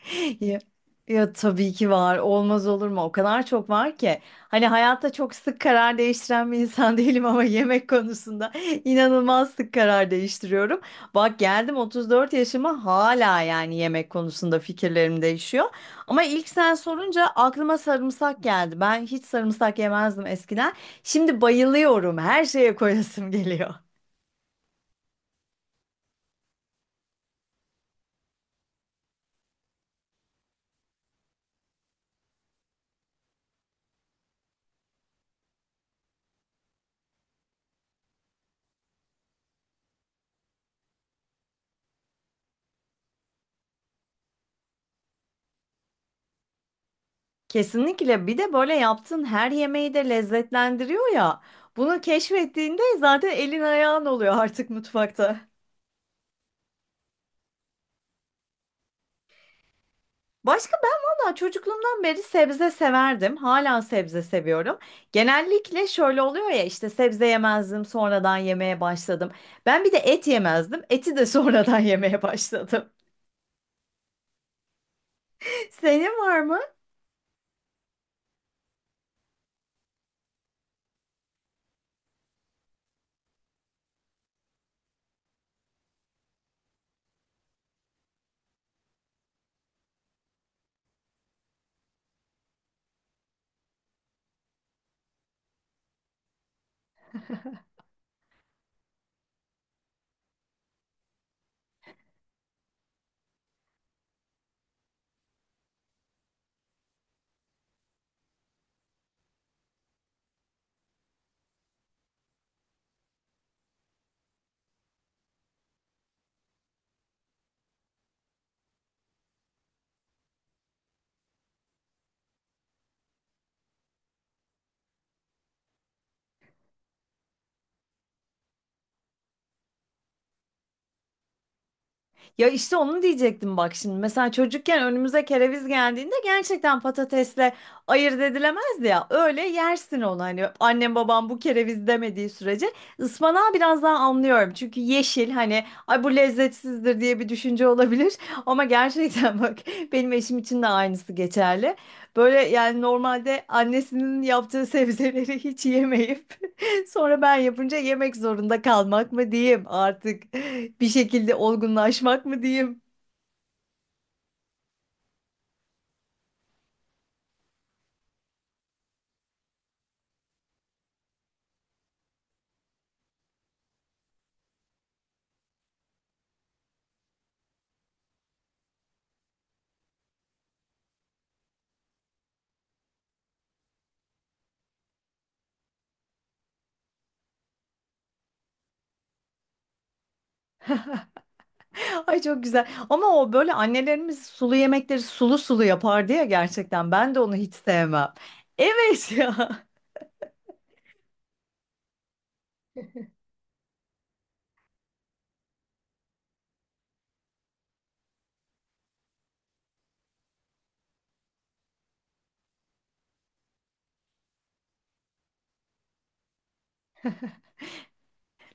Ya, ya, tabii ki var. Olmaz olur mu? O kadar çok var ki. Hani hayatta çok sık karar değiştiren bir insan değilim ama yemek konusunda inanılmaz sık karar değiştiriyorum. Bak geldim 34 yaşıma hala yani yemek konusunda fikirlerim değişiyor. Ama ilk sen sorunca aklıma sarımsak geldi. Ben hiç sarımsak yemezdim eskiden. Şimdi bayılıyorum. Her şeye koyasım geliyor. Kesinlikle. Bir de böyle yaptığın her yemeği de lezzetlendiriyor ya. Bunu keşfettiğinde zaten elin ayağın oluyor artık mutfakta. Başka ben valla çocukluğumdan beri sebze severdim. Hala sebze seviyorum. Genellikle şöyle oluyor ya işte sebze yemezdim, sonradan yemeye başladım. Ben bir de et yemezdim. Eti de sonradan yemeye başladım. Senin var mı? Ya işte onu diyecektim bak şimdi. Mesela çocukken önümüze kereviz geldiğinde gerçekten patatesle ayırt edilemezdi ya. Öyle yersin onu hani annem babam bu kereviz demediği sürece. Ispanağı biraz daha anlıyorum. Çünkü yeşil, hani ay bu lezzetsizdir diye bir düşünce olabilir. Ama gerçekten bak, benim eşim için de aynısı geçerli. Böyle yani normalde annesinin yaptığı sebzeleri hiç yemeyip sonra ben yapınca yemek zorunda kalmak mı diyeyim artık, bir şekilde olgunlaşmak mı diyeyim. Ay çok güzel. Ama o böyle annelerimiz sulu yemekleri sulu sulu yapardı ya gerçekten. Ben de onu hiç sevmem. Evet ya.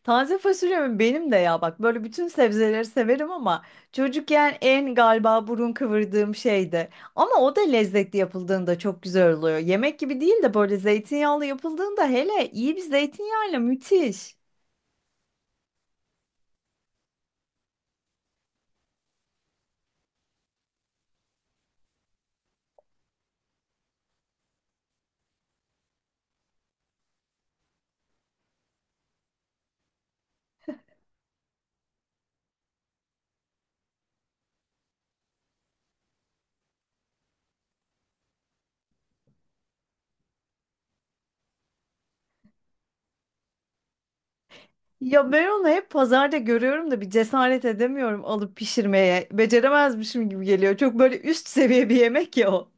Taze fasulyem benim de ya, bak böyle bütün sebzeleri severim ama çocukken en galiba burun kıvırdığım şeydi. Ama o da lezzetli yapıldığında çok güzel oluyor. Yemek gibi değil de böyle zeytinyağlı yapıldığında, hele iyi bir zeytinyağıyla, müthiş. Ya ben onu hep pazarda görüyorum da bir cesaret edemiyorum alıp pişirmeye. Beceremezmişim gibi geliyor. Çok böyle üst seviye bir yemek ya o.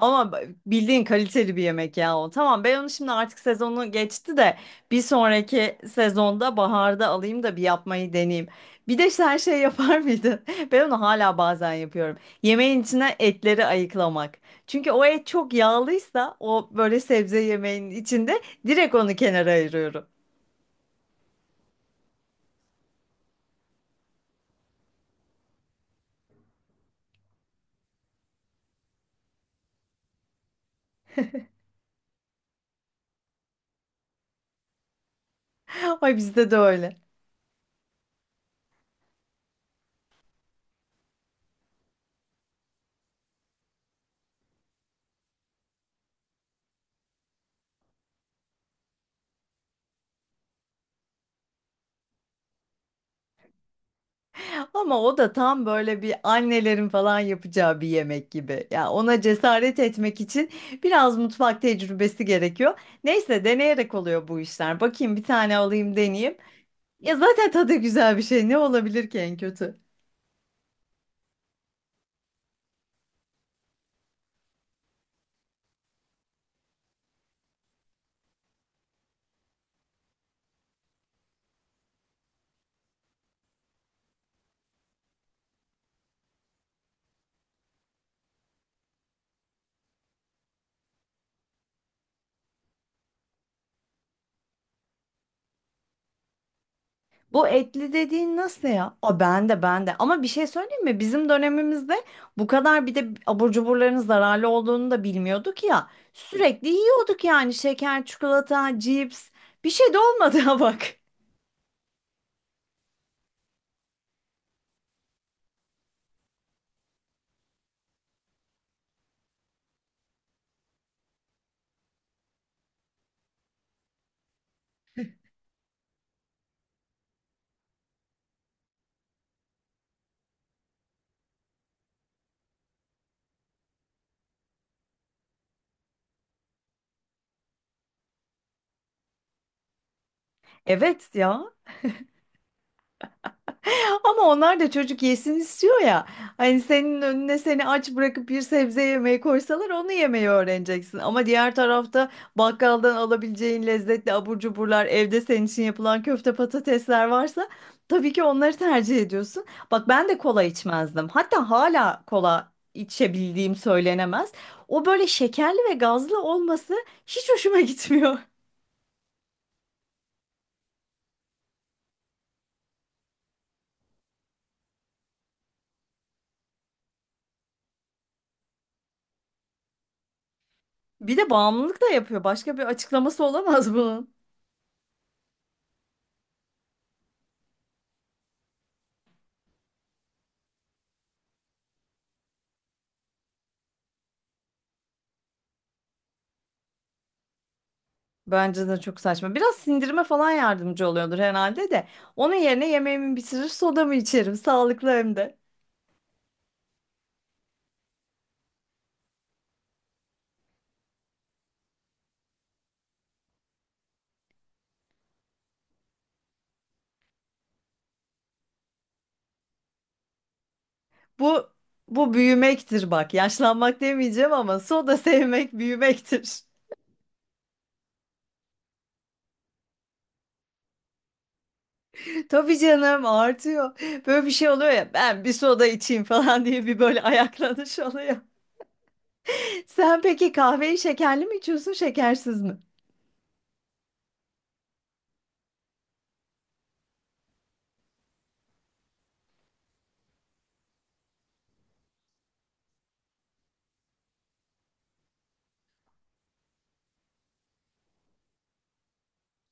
Ama bildiğin kaliteli bir yemek ya o. Tamam, ben onu şimdi artık sezonu geçti de bir sonraki sezonda baharda alayım da bir yapmayı deneyeyim. Bir de sen şey yapar mıydın? Ben onu hala bazen yapıyorum. Yemeğin içine etleri ayıklamak. Çünkü o et çok yağlıysa o böyle sebze yemeğinin içinde direkt onu kenara ayırıyorum. Ay bizde de öyle. Ama o da tam böyle bir annelerin falan yapacağı bir yemek gibi. Ya ona cesaret etmek için biraz mutfak tecrübesi gerekiyor. Neyse, deneyerek oluyor bu işler. Bakayım bir tane alayım deneyeyim. Ya zaten tadı güzel bir şey. Ne olabilir ki en kötü? Bu etli dediğin nasıl ya? O ben de. Ama bir şey söyleyeyim mi? Bizim dönemimizde bu kadar bir de abur cuburların zararlı olduğunu da bilmiyorduk ya. Sürekli yiyorduk yani, şeker, çikolata, cips. Bir şey de olmadı ha bak. Evet ya. Ama onlar da çocuk yesin istiyor ya. Hani senin önüne seni aç bırakıp bir sebze yemeği koysalar onu yemeyi öğreneceksin. Ama diğer tarafta bakkaldan alabileceğin lezzetli abur cuburlar, evde senin için yapılan köfte patatesler varsa tabii ki onları tercih ediyorsun. Bak ben de kola içmezdim. Hatta hala kola içebildiğim söylenemez. O böyle şekerli ve gazlı olması hiç hoşuma gitmiyor. Bir de bağımlılık da yapıyor. Başka bir açıklaması olamaz bunun. Bence de çok saçma. Biraz sindirime falan yardımcı oluyordur herhalde de. Onun yerine yemeğimi bitirir, sodamı içerim. Sağlıklı hem de. Bu bu büyümektir bak. Yaşlanmak demeyeceğim ama soda sevmek büyümektir. Tabii canım, artıyor. Böyle bir şey oluyor ya. Ben bir soda içeyim falan diye bir böyle ayaklanış oluyor. Sen peki kahveyi şekerli mi içiyorsun, şekersiz mi?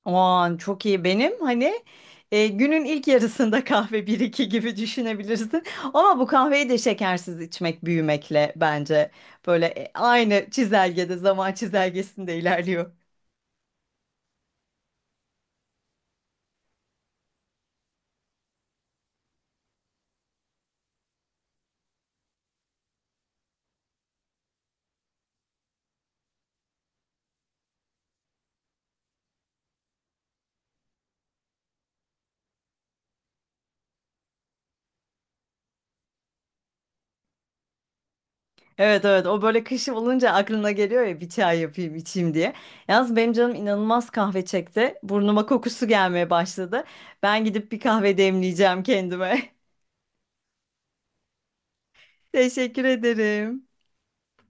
Aman çok iyi, benim hani günün ilk yarısında kahve bir iki gibi düşünebilirsin. Ama bu kahveyi de şekersiz içmek büyümekle bence böyle aynı çizelgede, zaman çizelgesinde ilerliyor. Evet evet, o böyle kış olunca aklına geliyor ya bir çay yapayım içeyim diye. Yalnız benim canım inanılmaz kahve çekti. Burnuma kokusu gelmeye başladı. Ben gidip bir kahve demleyeceğim kendime. Teşekkür ederim.